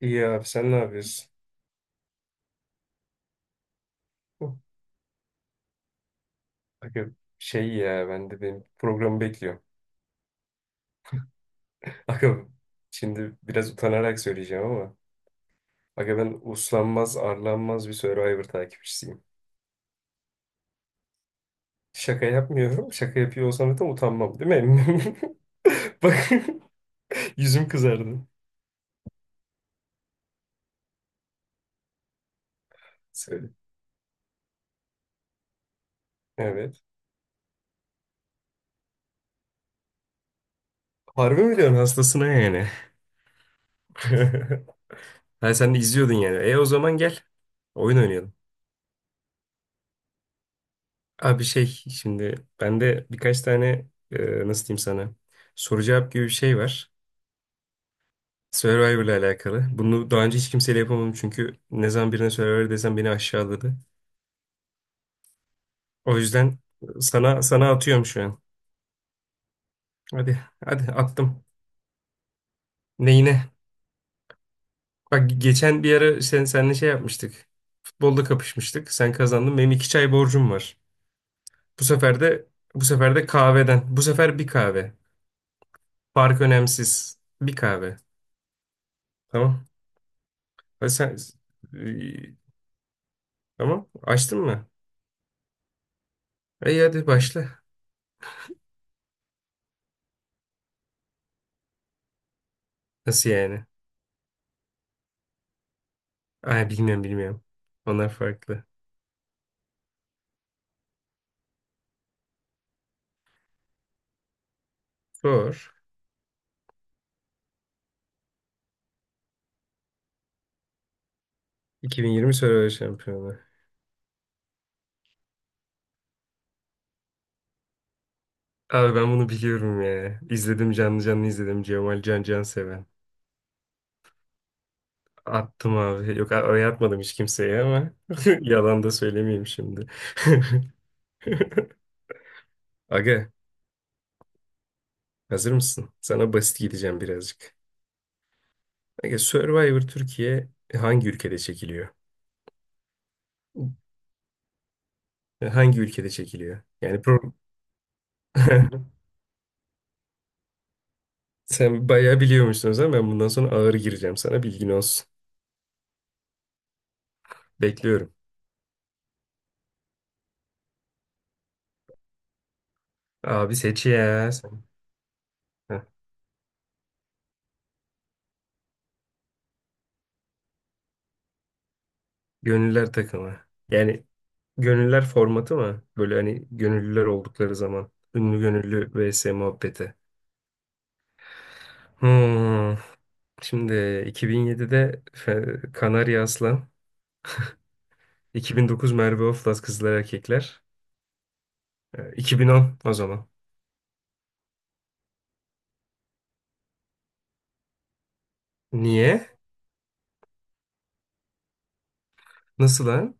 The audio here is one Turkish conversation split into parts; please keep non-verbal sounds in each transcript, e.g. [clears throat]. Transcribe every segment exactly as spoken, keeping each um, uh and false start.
İyi abi sen ne yapıyorsun? Hı. Aga şey ya ben de benim programı bekliyorum. [laughs] Aga şimdi biraz utanarak söyleyeceğim ama aga ben uslanmaz arlanmaz bir Survivor takipçisiyim. Şaka yapmıyorum. Şaka yapıyor olsam zaten utanmam değil mi? [laughs] Bak [laughs] yüzüm kızardı. Söyle. Evet. Harbi mi diyorsun hastasına yani? [laughs] Ha sen de izliyordun yani. E o zaman gel. Oyun oynayalım. Abi şey şimdi bende birkaç tane e, nasıl diyeyim sana soru cevap gibi bir şey var. Survivor'la alakalı. Bunu daha önce hiç kimseyle yapamadım çünkü ne zaman birine Survivor desem beni aşağıladı. O yüzden sana sana atıyorum şu an. Hadi hadi attım. Neyine? Bak geçen bir ara sen seninle şey yapmıştık. Futbolda kapışmıştık. Sen kazandın. Benim iki çay borcum var. Bu sefer de bu sefer de kahveden. Bu sefer bir kahve. Fark önemsiz. Bir kahve. Tamam. Ha, sen e, tamam açtın mı? İyi hadi başla. Nasıl yani? Ay bilmiyorum bilmiyorum. Onlar farklı. Sor. iki bin yirmi Survivor Şampiyonu. Abi ben bunu biliyorum ya. İzledim canlı canlı izledim. Cemal Can Canseven. Attım abi. Yok a- oy atmadım hiç kimseye ama [laughs] yalan da söylemeyeyim şimdi. [laughs] Aga hazır mısın? Sana basit gideceğim birazcık. Aga Survivor Türkiye hangi ülkede çekiliyor? Hangi ülkede çekiliyor? Yani. [laughs] Sen bayağı biliyormuşsun o zaman ben bundan sonra ağır gireceğim sana bilgin olsun. Bekliyorum. Abi seç ya sen. Heh. Gönüller takımı. Yani gönüller formatı mı? Böyle hani gönüllüler oldukları zaman. Ünlü gönüllü vs muhabbeti. Hmm. Şimdi iki bin yedide e, Kanarya Aslan. iki bin dokuz Merve Oflaz Kızlar Erkekler. E, iki bin on o zaman. Niye? Nasıl lan?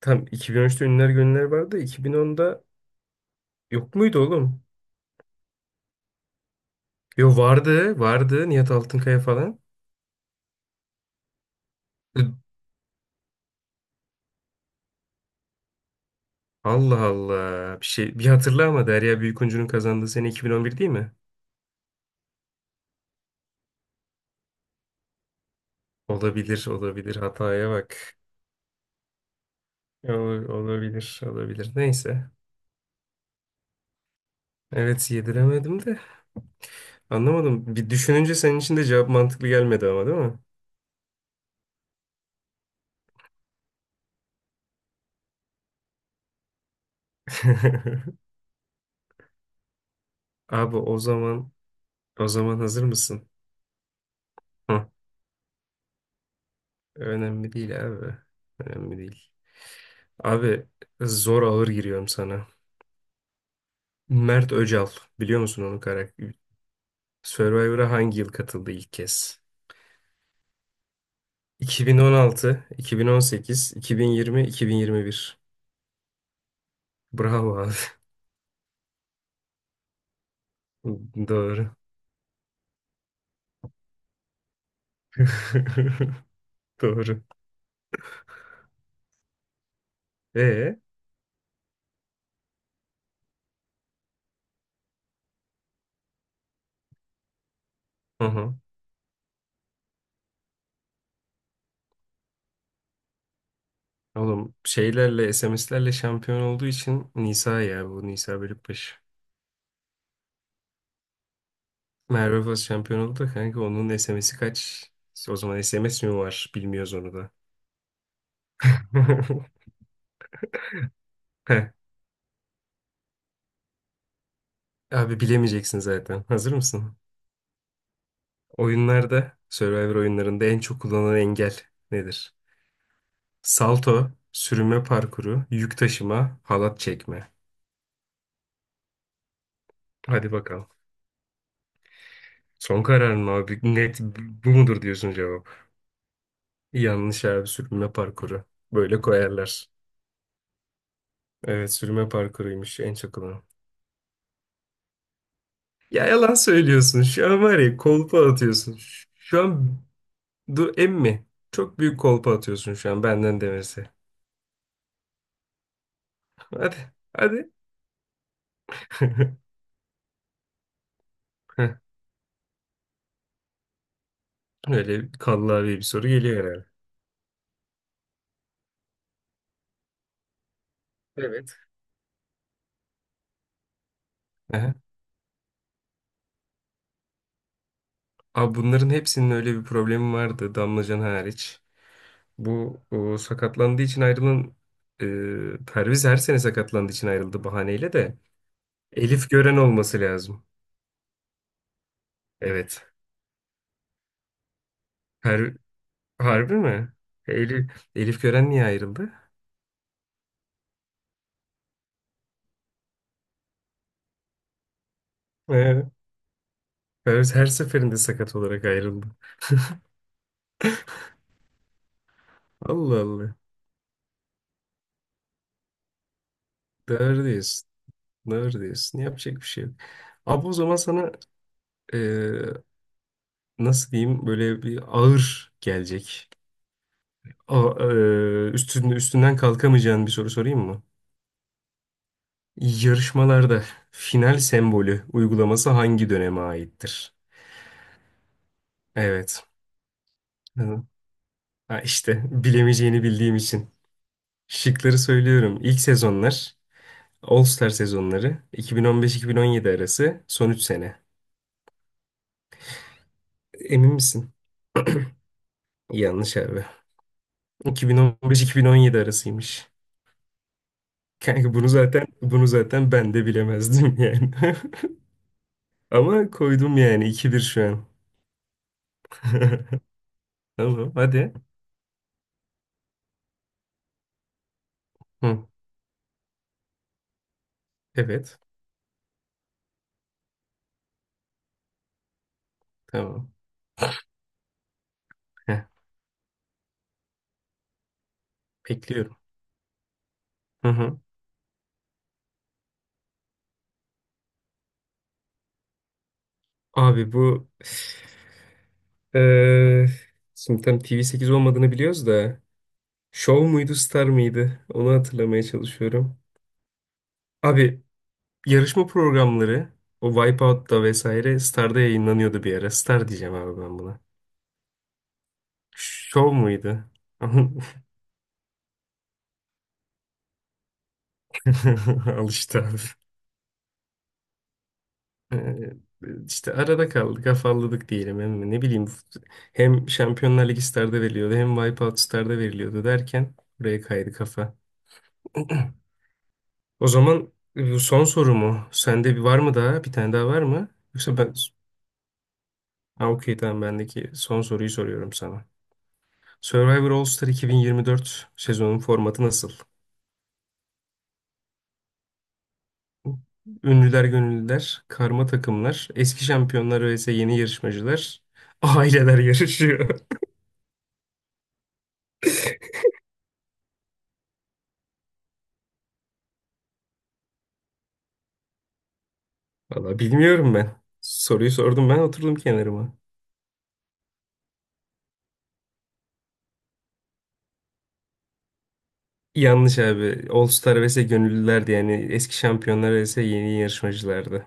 Tam iki bin on üçte Ünlüler Gönüller vardı. iki bin onda yok muydu oğlum? Yo vardı, vardı Nihat Altınkaya falan. E, Allah Allah. Bir şey bir hatırla ama Derya Büyükuncu'nun kazandığı sene iki bin on bir değil mi? Olabilir, olabilir. Hataya bak. Ol- Olabilir, olabilir. Neyse. Evet yediremedim de anlamadım. Bir düşününce senin için de cevap mantıklı gelmedi ama değil mi? [laughs] Abi o zaman o zaman hazır mısın? Hı. Önemli değil abi. Önemli değil. Abi zor ağır giriyorum sana. Mert Öcal biliyor musun onun karakter? Survivor'a hangi yıl katıldı ilk kez? iki bin on altı, iki bin on sekiz, iki bin yirmi, iki bin yirmi bir. Bravo abi. [laughs] Doğru. [laughs] Doğru. E, aha. Oğlum şeylerle S M S'lerle şampiyon olduğu için Nisa ya bu Nisa Bölükbaşı. Merve Faz şampiyon oldu da kanka onun S M S'i kaç? O zaman S M S mi var? Bilmiyoruz onu da. [laughs] Heh. Abi bilemeyeceksin zaten. Hazır mısın? Oyunlarda, Survivor oyunlarında en çok kullanılan engel nedir? Salto, sürünme parkuru, yük taşıma, halat çekme. Hadi bakalım. Son kararın mı abi? Net bu mudur diyorsun cevap. Yanlış abi sürünme parkuru. Böyle koyarlar. Evet sürünme parkuruymuş en çok olan. Ya yalan söylüyorsun. Şu an var ya kolpa atıyorsun. Şu an dur emmi. Çok büyük kolpa atıyorsun şu an benden demesi. Hadi. Hadi. [laughs] Öyle kallavi bir soru geliyor herhalde. Evet. Abi bunların hepsinin öyle bir problemi vardı Damlacan hariç. Bu o, sakatlandığı için ayrılan e, Perviz her sene sakatlandığı için ayrıldı bahaneyle de. Elif Gören olması lazım. Evet. Per, harbi mi? Elif, Elif Gören niye ayrıldı? Ee, Perviz her seferinde sakat olarak ayrıldı. Allah Allah. Doğru diyorsun. Doğru diyorsun. Yapacak bir şey yok. Abi o zaman sana e, nasıl diyeyim böyle bir ağır gelecek. A- e, üstün, üstünden kalkamayacağın bir soru sorayım mı? Yarışmalarda final sembolü uygulaması hangi döneme aittir? Evet. Hı. Ha işte bilemeyeceğini bildiğim için. Şıkları söylüyorum. İlk sezonlar, All Star sezonları, iki bin on beş-iki bin on yedi arası son üç sene. Emin misin? Yanlış abi. iki bin on beş-iki bin on yedi arasıymış. Kanka bunu zaten bunu zaten ben de bilemezdim yani. [laughs] Ama koydum yani iki bir şu an. [laughs] Tamam hadi. Hı. Evet. Tamam. Heh, bekliyorum. Hı hı. Abi bu eee şimdi tam T V sekiz olmadığını biliyoruz da Show muydu Star mıydı? Onu hatırlamaya çalışıyorum. Abi yarışma programları o Wipeout'ta vesaire Star'da yayınlanıyordu bir ara. Star diyeceğim abi ben buna. Show muydu? [laughs] Al işte abi. Ee, işte arada kaldık, afalladık diyelim. Hem ne bileyim hem Şampiyonlar Ligi Star'da veriliyordu hem Wipeout Star'da veriliyordu derken buraya kaydı kafa. [clears throat] O zaman e, son sorumu, sende bir var mı daha? Bir tane daha var mı? Yoksa ben... Ha okey tamam bendeki son soruyu soruyorum sana. Survivor All-Star iki bin yirmi dört sezonun formatı nasıl? Ünlüler gönüllüler, karma takımlar, eski şampiyonlar vs yeni yarışmacılar, aileler yarışıyor. [laughs] Valla bilmiyorum ben. Soruyu sordum ben oturdum kenarıma. Yanlış abi. All Star vs gönüllülerdi yani eski şampiyonlar vs yeni yarışmacılardı.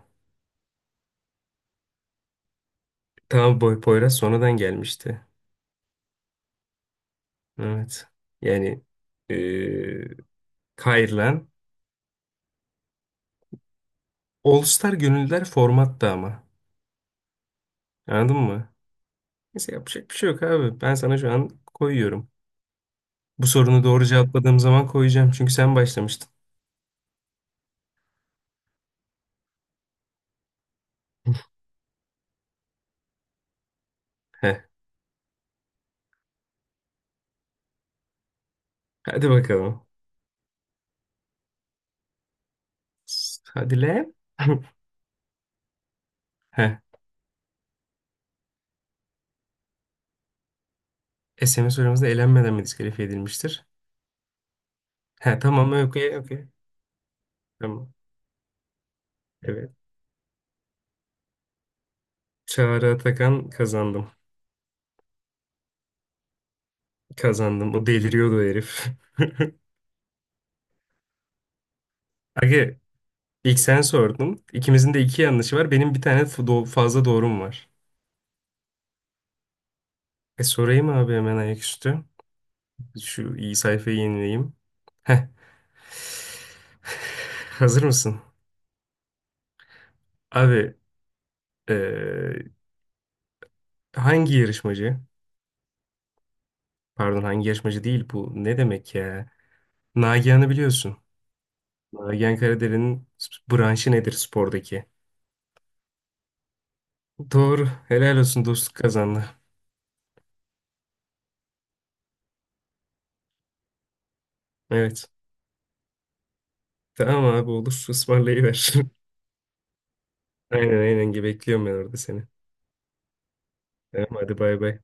Tamam Boy Poyraz sonradan gelmişti. Evet. Yani eee kayırılan All Star gönüllüler formatta ama. Anladın mı? Neyse yapacak bir şey yok abi. Ben sana şu an koyuyorum. Bu sorunu doğru cevapladığım zaman koyacağım. Çünkü sen başlamıştın. Heh. Hadi bakalım. Hadi lan. [laughs] Heh. S M S oylamasında elenmeden mi diskalifiye edilmiştir? He tamam okey okey. Tamam. Evet. Çağrı Atakan kazandım. Kazandım. O deliriyordu herif. [laughs] Aga ilk sen sordun. İkimizin de iki yanlışı var. Benim bir tane f- do- fazla doğrum var. E sorayım abi hemen ayaküstü. Şu iyi sayfayı yenileyim. Heh. [sighs] Hazır mısın? Abi eee, hangi yarışmacı? Pardon hangi yarışmacı değil bu. Ne demek ya? Nagihan'ı biliyorsun. Nagihan Karadere'nin branşı nedir spordaki? Doğru. Helal olsun dostluk kazandı. Evet. Tamam abi olur. Ismarlayıver. [laughs] Aynen aynen. Bekliyorum ben orada seni. Tamam hadi bay bay.